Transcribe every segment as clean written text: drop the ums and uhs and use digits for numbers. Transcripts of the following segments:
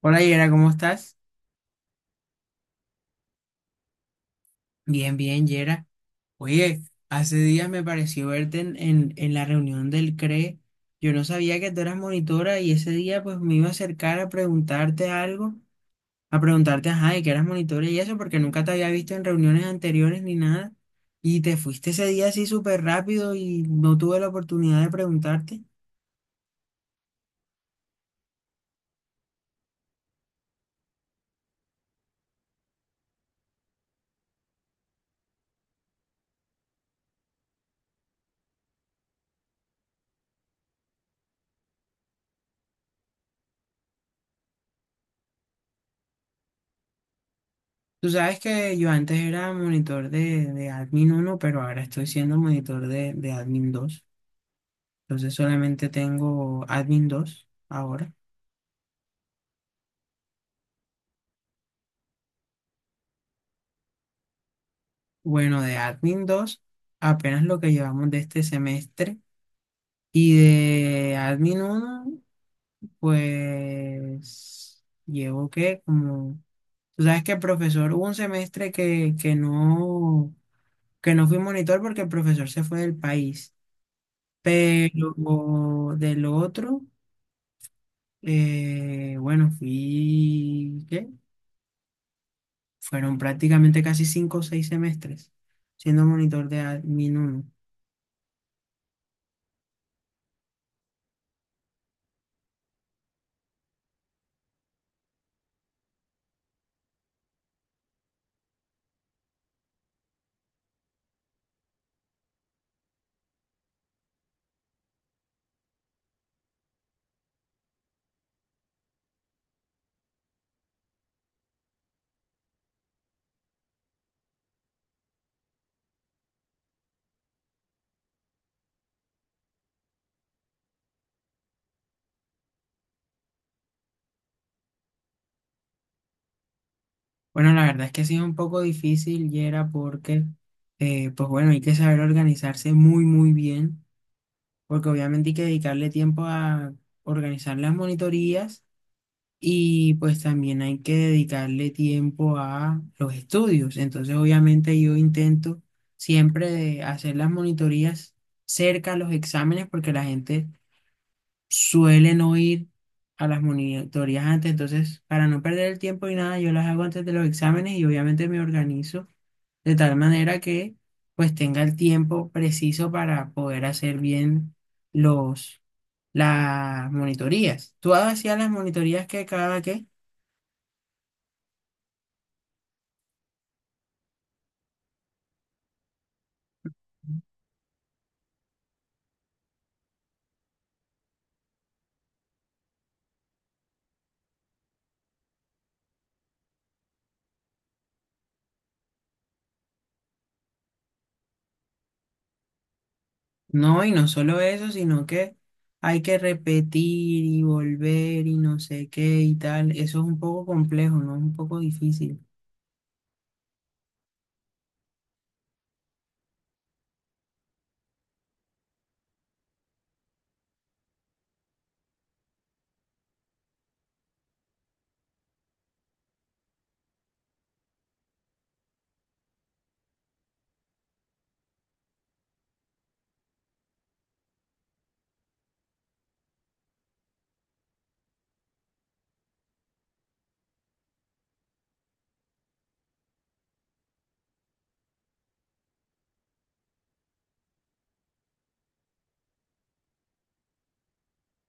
Hola Yera, ¿cómo estás? Bien, Yera. Oye, hace días me pareció verte en la reunión del CRE. Yo no sabía que tú eras monitora y ese día pues me iba a acercar a preguntarte algo, a preguntarte, ajá, de que eras monitora y eso, porque nunca te había visto en reuniones anteriores ni nada. Y te fuiste ese día así súper rápido y no tuve la oportunidad de preguntarte. Tú sabes que yo antes era monitor de Admin uno, pero ahora estoy siendo monitor de Admin dos. Entonces solamente tengo Admin 2 ahora. Bueno, de Admin 2 apenas lo que llevamos de este semestre. Y de Admin uno pues llevo que como... Tú sabes que el profesor, hubo un semestre que no fui monitor porque el profesor se fue del país. Pero del otro, bueno, fui, ¿qué? Fueron prácticamente casi cinco o seis semestres siendo monitor de Admin uno. Bueno, la verdad es que sí es un poco difícil y era porque, pues bueno, hay que saber organizarse muy, muy bien, porque obviamente hay que dedicarle tiempo a organizar las monitorías y pues también hay que dedicarle tiempo a los estudios. Entonces, obviamente yo intento siempre de hacer las monitorías cerca a los exámenes porque la gente suelen oír a las monitorías antes, entonces para no perder el tiempo y nada, yo las hago antes de los exámenes y obviamente me organizo de tal manera que pues tenga el tiempo preciso para poder hacer bien los las monitorías. ¿Tú hacías las monitorías que cada que no, y no solo eso, sino que hay que repetir y volver y no sé qué y tal? Eso es un poco complejo, ¿no? Es un poco difícil.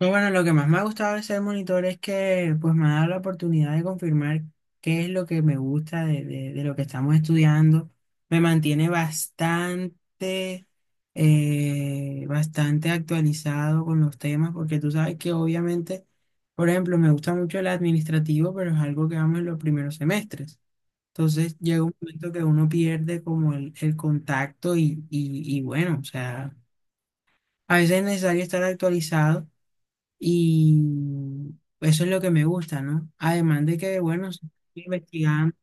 No, bueno, lo que más me ha gustado de ser monitor es que pues me ha dado la oportunidad de confirmar qué es lo que me gusta de lo que estamos estudiando. Me mantiene bastante, bastante actualizado con los temas, porque tú sabes que obviamente, por ejemplo, me gusta mucho el administrativo, pero es algo que vamos en los primeros semestres. Entonces llega un momento que uno pierde como el contacto y bueno, o sea, a veces es necesario estar actualizado. Y eso es lo que me gusta, ¿no? Además de que, bueno, sí, estoy investigando,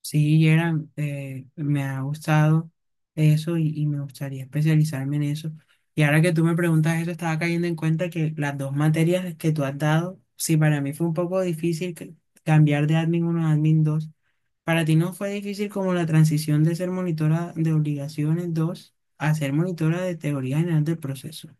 sí, Gerard, me ha gustado eso y me gustaría especializarme en eso. Y ahora que tú me preguntas eso, estaba cayendo en cuenta que las dos materias que tú has dado, sí, para mí fue un poco difícil cambiar de admin uno a admin 2. ¿Para ti no fue difícil como la transición de ser monitora de obligaciones 2 a ser monitora de teoría general del proceso?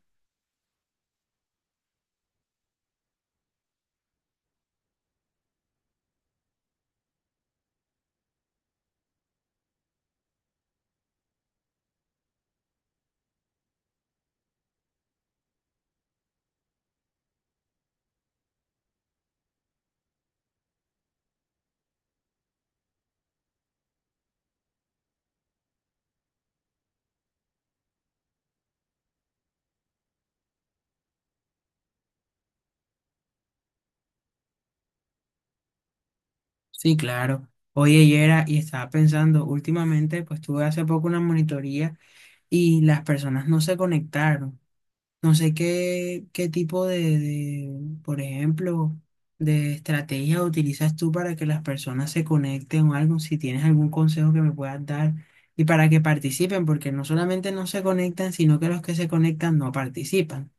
Sí, claro. Oye, Yera, y estaba pensando, últimamente, pues tuve hace poco una monitoría y las personas no se conectaron. No sé qué tipo por ejemplo, de estrategia utilizas tú para que las personas se conecten o algo, si tienes algún consejo que me puedas dar y para que participen, porque no solamente no se conectan, sino que los que se conectan no participan.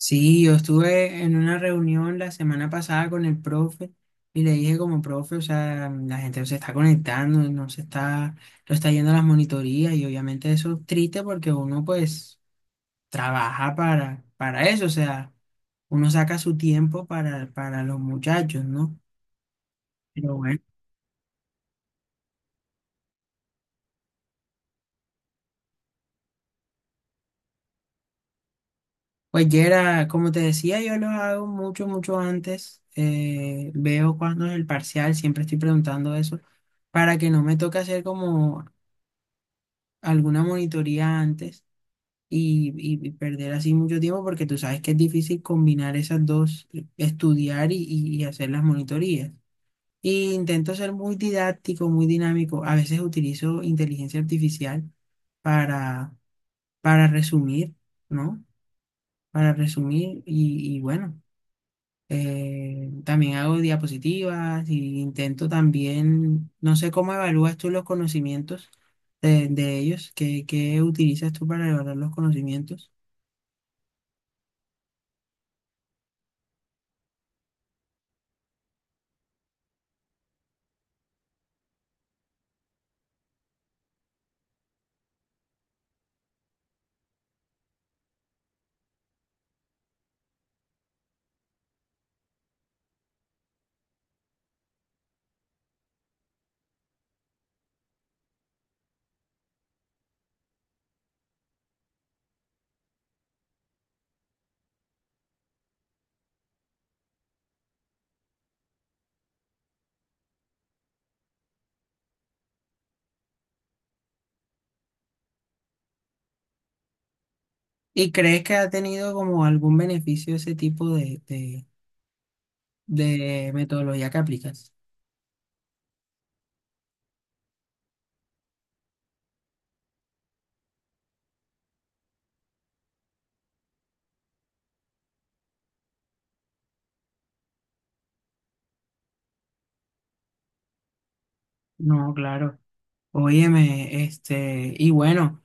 Sí, yo estuve en una reunión la semana pasada con el profe y le dije como profe, o sea, la gente no se está conectando, no está yendo a las monitorías y obviamente eso es triste porque uno pues trabaja para eso, o sea, uno saca su tiempo para los muchachos, ¿no? Pero bueno, pues Yera, como te decía, yo lo hago mucho antes, veo cuándo es el parcial, siempre estoy preguntando eso para que no me toque hacer como alguna monitoría antes y perder así mucho tiempo porque tú sabes que es difícil combinar esas dos, estudiar y hacer las monitorías. Y intento ser muy didáctico, muy dinámico. A veces utilizo inteligencia artificial para, para resumir, ¿no? Para resumir y bueno. También hago diapositivas y intento también, no sé cómo evalúas tú los conocimientos de ellos, qué utilizas tú para evaluar los conocimientos y crees que ha tenido como algún beneficio ese tipo de metodología que aplicas. No, claro. Óyeme, este, y bueno.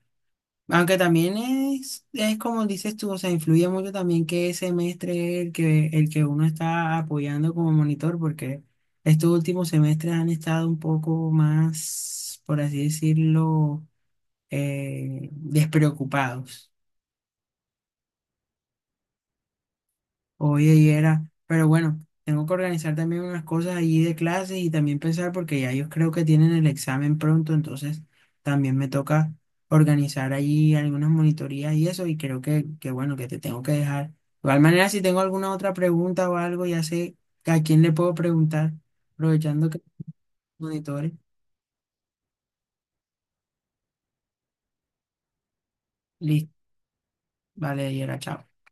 Aunque también es como dices tú, o sea, influye mucho también que semestre el que uno está apoyando como monitor, porque estos últimos semestres han estado un poco más, por así decirlo, despreocupados. Oye, y era, pero bueno, tengo que organizar también unas cosas allí de clases y también pensar porque ya ellos creo que tienen el examen pronto, entonces también me toca organizar allí algunas monitorías y eso, y creo que bueno, que te tengo que dejar. De igual manera, si tengo alguna otra pregunta o algo, ya sé a quién le puedo preguntar, aprovechando que monitores. Listo, vale, y era, chao.